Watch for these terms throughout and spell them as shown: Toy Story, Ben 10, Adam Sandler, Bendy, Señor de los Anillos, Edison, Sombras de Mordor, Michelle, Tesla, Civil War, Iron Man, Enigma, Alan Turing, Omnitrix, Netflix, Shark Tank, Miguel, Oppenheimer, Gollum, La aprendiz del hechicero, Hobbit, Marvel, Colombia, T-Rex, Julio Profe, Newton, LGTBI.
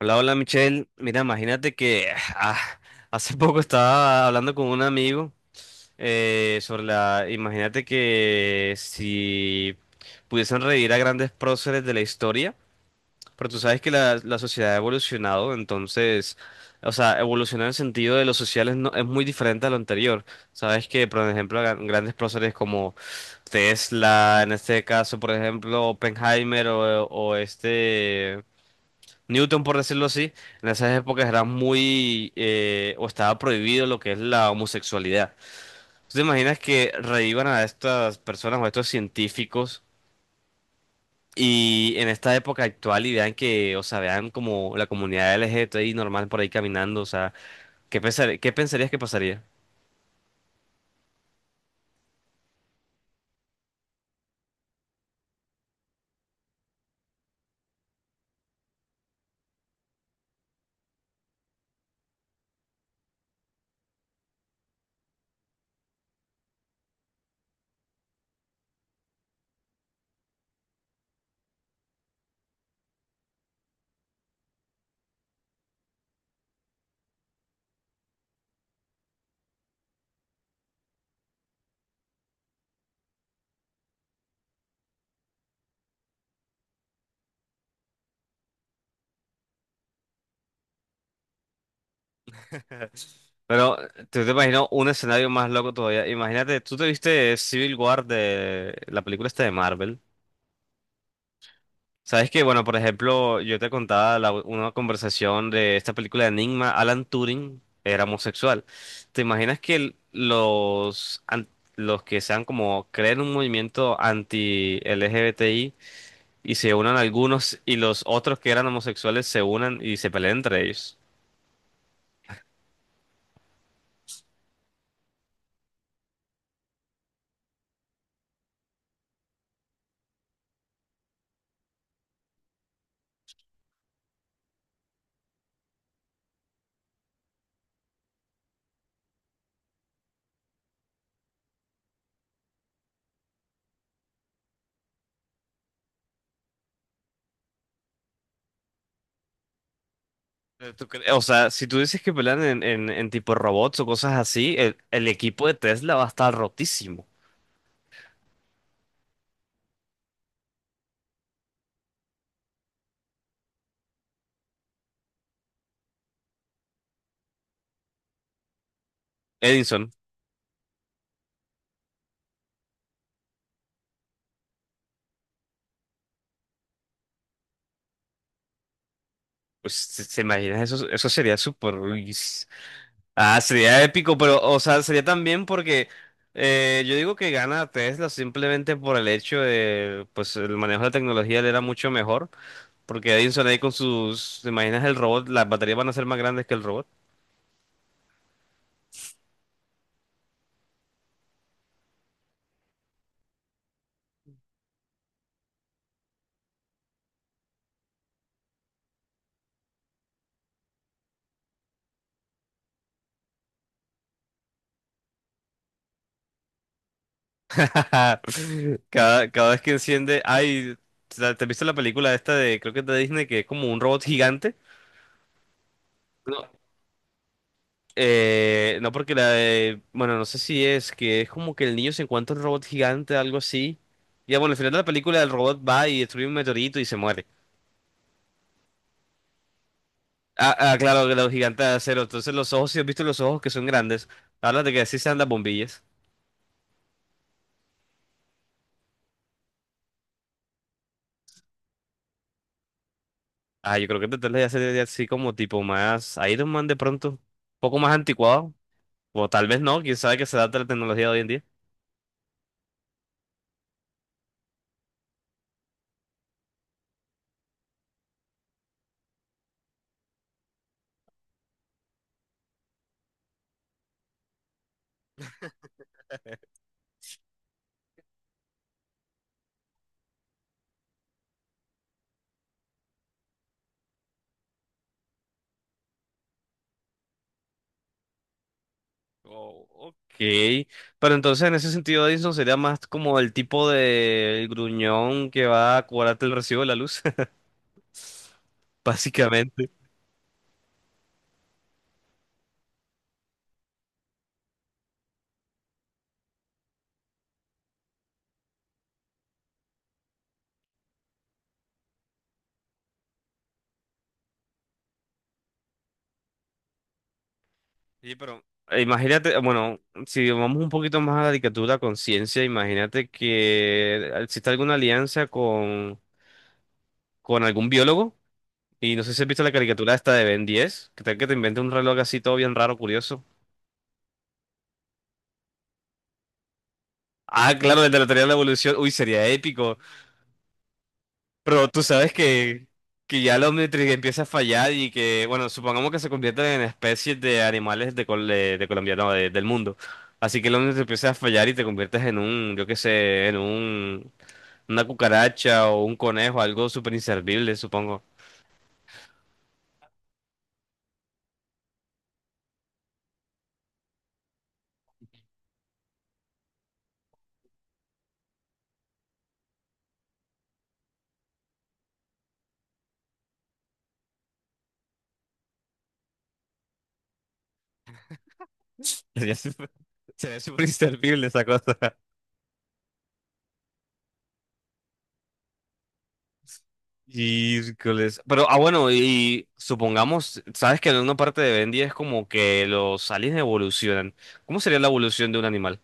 Hola, hola Michelle. Mira, imagínate que ah, hace poco estaba hablando con un amigo sobre la... Imagínate que si pudiesen revivir a grandes próceres de la historia, pero tú sabes que la sociedad ha evolucionado, entonces, o sea, evolucionar en el sentido de los sociales no, es muy diferente a lo anterior. Sabes que, por ejemplo, grandes próceres como Tesla, en este caso, por ejemplo, Oppenheimer o este... Newton, por decirlo así, en esas épocas era muy, o estaba prohibido lo que es la homosexualidad. ¿Tú te imaginas que revivan a estas personas o a estos científicos y en esta época actual y vean que, o sea, vean como la comunidad LGTBI normal por ahí caminando, o sea, qué pensarías que pasaría? Pero tú te imaginas un escenario más loco todavía. Imagínate, tú te viste Civil War, de la película esta de Marvel. Sabes que, bueno, por ejemplo, yo te contaba una conversación de esta película de Enigma, Alan Turing era homosexual. ¿Te imaginas que los que sean como creen un movimiento anti-LGBTI y se unan algunos y los otros que eran homosexuales se unan y se peleen entre ellos? O sea, si tú dices que pelean en tipo robots o cosas así, el equipo de Tesla va a estar rotísimo. Edison, pues, se imaginas? Eso sería súper... Ah, sería épico, pero, o sea, sería también porque yo digo que gana Tesla simplemente por el hecho de, pues, el manejo de la tecnología le era mucho mejor, porque Edison ahí con sus, ¿te imaginas el robot? Las baterías van a ser más grandes que el robot. Cada, cada vez que enciende, ay, ¿te has visto la película esta de, creo que es de Disney, que es como un robot gigante? No porque bueno, no sé si es que es como que el niño se encuentra un robot gigante, algo así. Y bueno, al final de la película el robot va y destruye un meteorito y se muere. Ah, ah, claro, que los gigantes de acero. Entonces los ojos, si has visto los ojos que son grandes, hablas de que así se andan bombillas. Ah, yo creo que tratar de hacer así como tipo más Iron Man, de pronto. Un poco más anticuado. O tal vez no, quién sabe, que se adapta a la tecnología de hoy en día. Oh, ok. Pero entonces en ese sentido Edison sería más como el tipo de gruñón que va a cobrarte el recibo de la luz, básicamente. Sí, pero imagínate, bueno, si vamos un poquito más a la caricatura a conciencia, imagínate que existe alguna alianza con algún biólogo. Y no sé si has visto la caricatura esta de Ben 10, que tal que te invente un reloj así todo bien raro, curioso. Ah, claro, el de la teoría de la evolución. Uy, sería épico. Pero tú sabes que ya la Omnitrix empieza a fallar y que, bueno, supongamos que se convierten en especies de animales de, de Colombia, no, del mundo. Así que la Omnitrix empieza a fallar y te conviertes en un, yo qué sé, en un, una cucaracha o un conejo, algo súper inservible, supongo. Sería súper sería súper inservible esa cosa. Y, pero, bueno, y supongamos, sabes que en una parte de Bendy es como que los aliens evolucionan. ¿Cómo sería la evolución de un animal?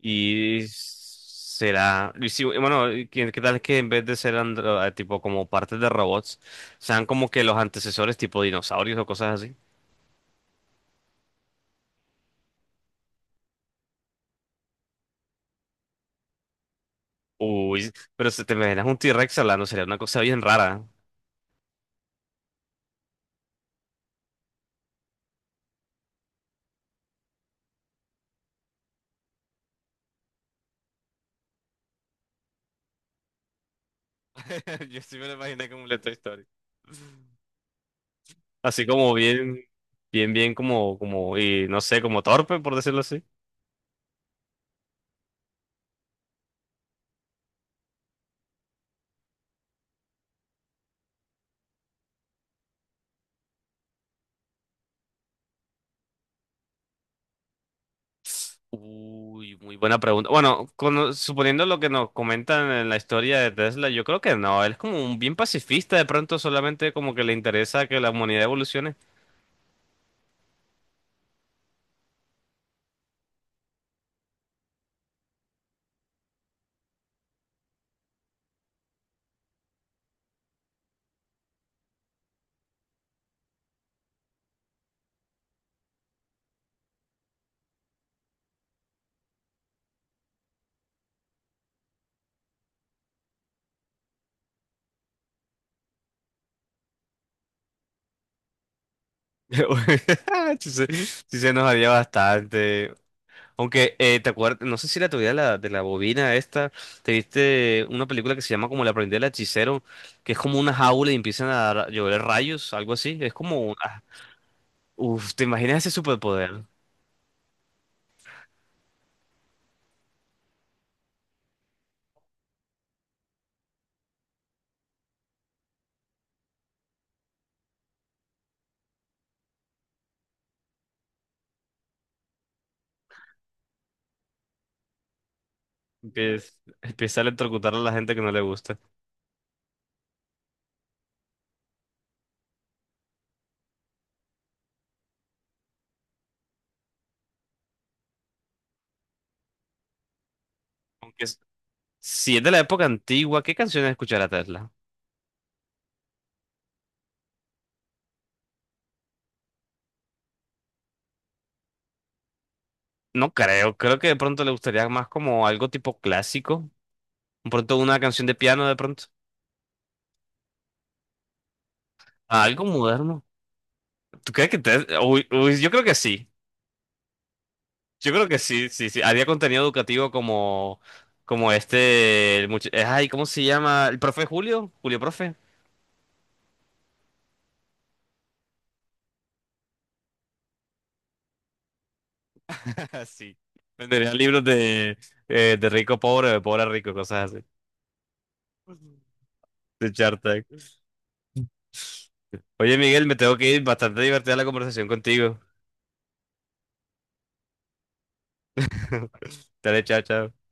Y será, y si- bueno, y ¿qué, qué tal que en vez de ser tipo como partes de robots, sean como que los antecesores tipo dinosaurios o cosas así? Uy, pero si te imaginas un T-Rex hablando, sería una cosa bien rara. Yo sí me lo imaginé como una Toy Story. Así como bien, bien, bien como, como, y no sé, como torpe, por decirlo así. Uy, muy buena pregunta. Bueno, suponiendo lo que nos comentan en la historia de Tesla, yo creo que no. Él es como un bien pacifista, de pronto solamente como que le interesa que la humanidad evolucione. Sí, se sí se enojaría bastante. Aunque, ¿te acuerdas? No sé si la teoría de de la bobina esta, te viste una película que se llama como La aprendiz del hechicero, que es como una jaula y empiezan a llover rayos, algo así. Es como una... Uf, ¿te imaginas ese superpoder? Empieza, empieza a electrocutar a la gente que no le gusta. Aunque es- si es de la época antigua, ¿qué canciones escuchará Tesla? No creo, creo que de pronto le gustaría más como algo tipo clásico, de pronto una canción de piano de pronto. Ah, algo moderno. ¿Tú crees que Tesla? Uy, uy, yo creo que sí, yo creo que sí, sí, sí, haría contenido educativo como, como este, ay, ¿cómo se llama? ¿El profe Julio? Julio Profe. Sí, vendería libros de rico a pobre, de pobre a rico, cosas así. De Shark Tank. Oye, Miguel, me tengo que ir, bastante divertida la conversación contigo. Dale, chao, chao.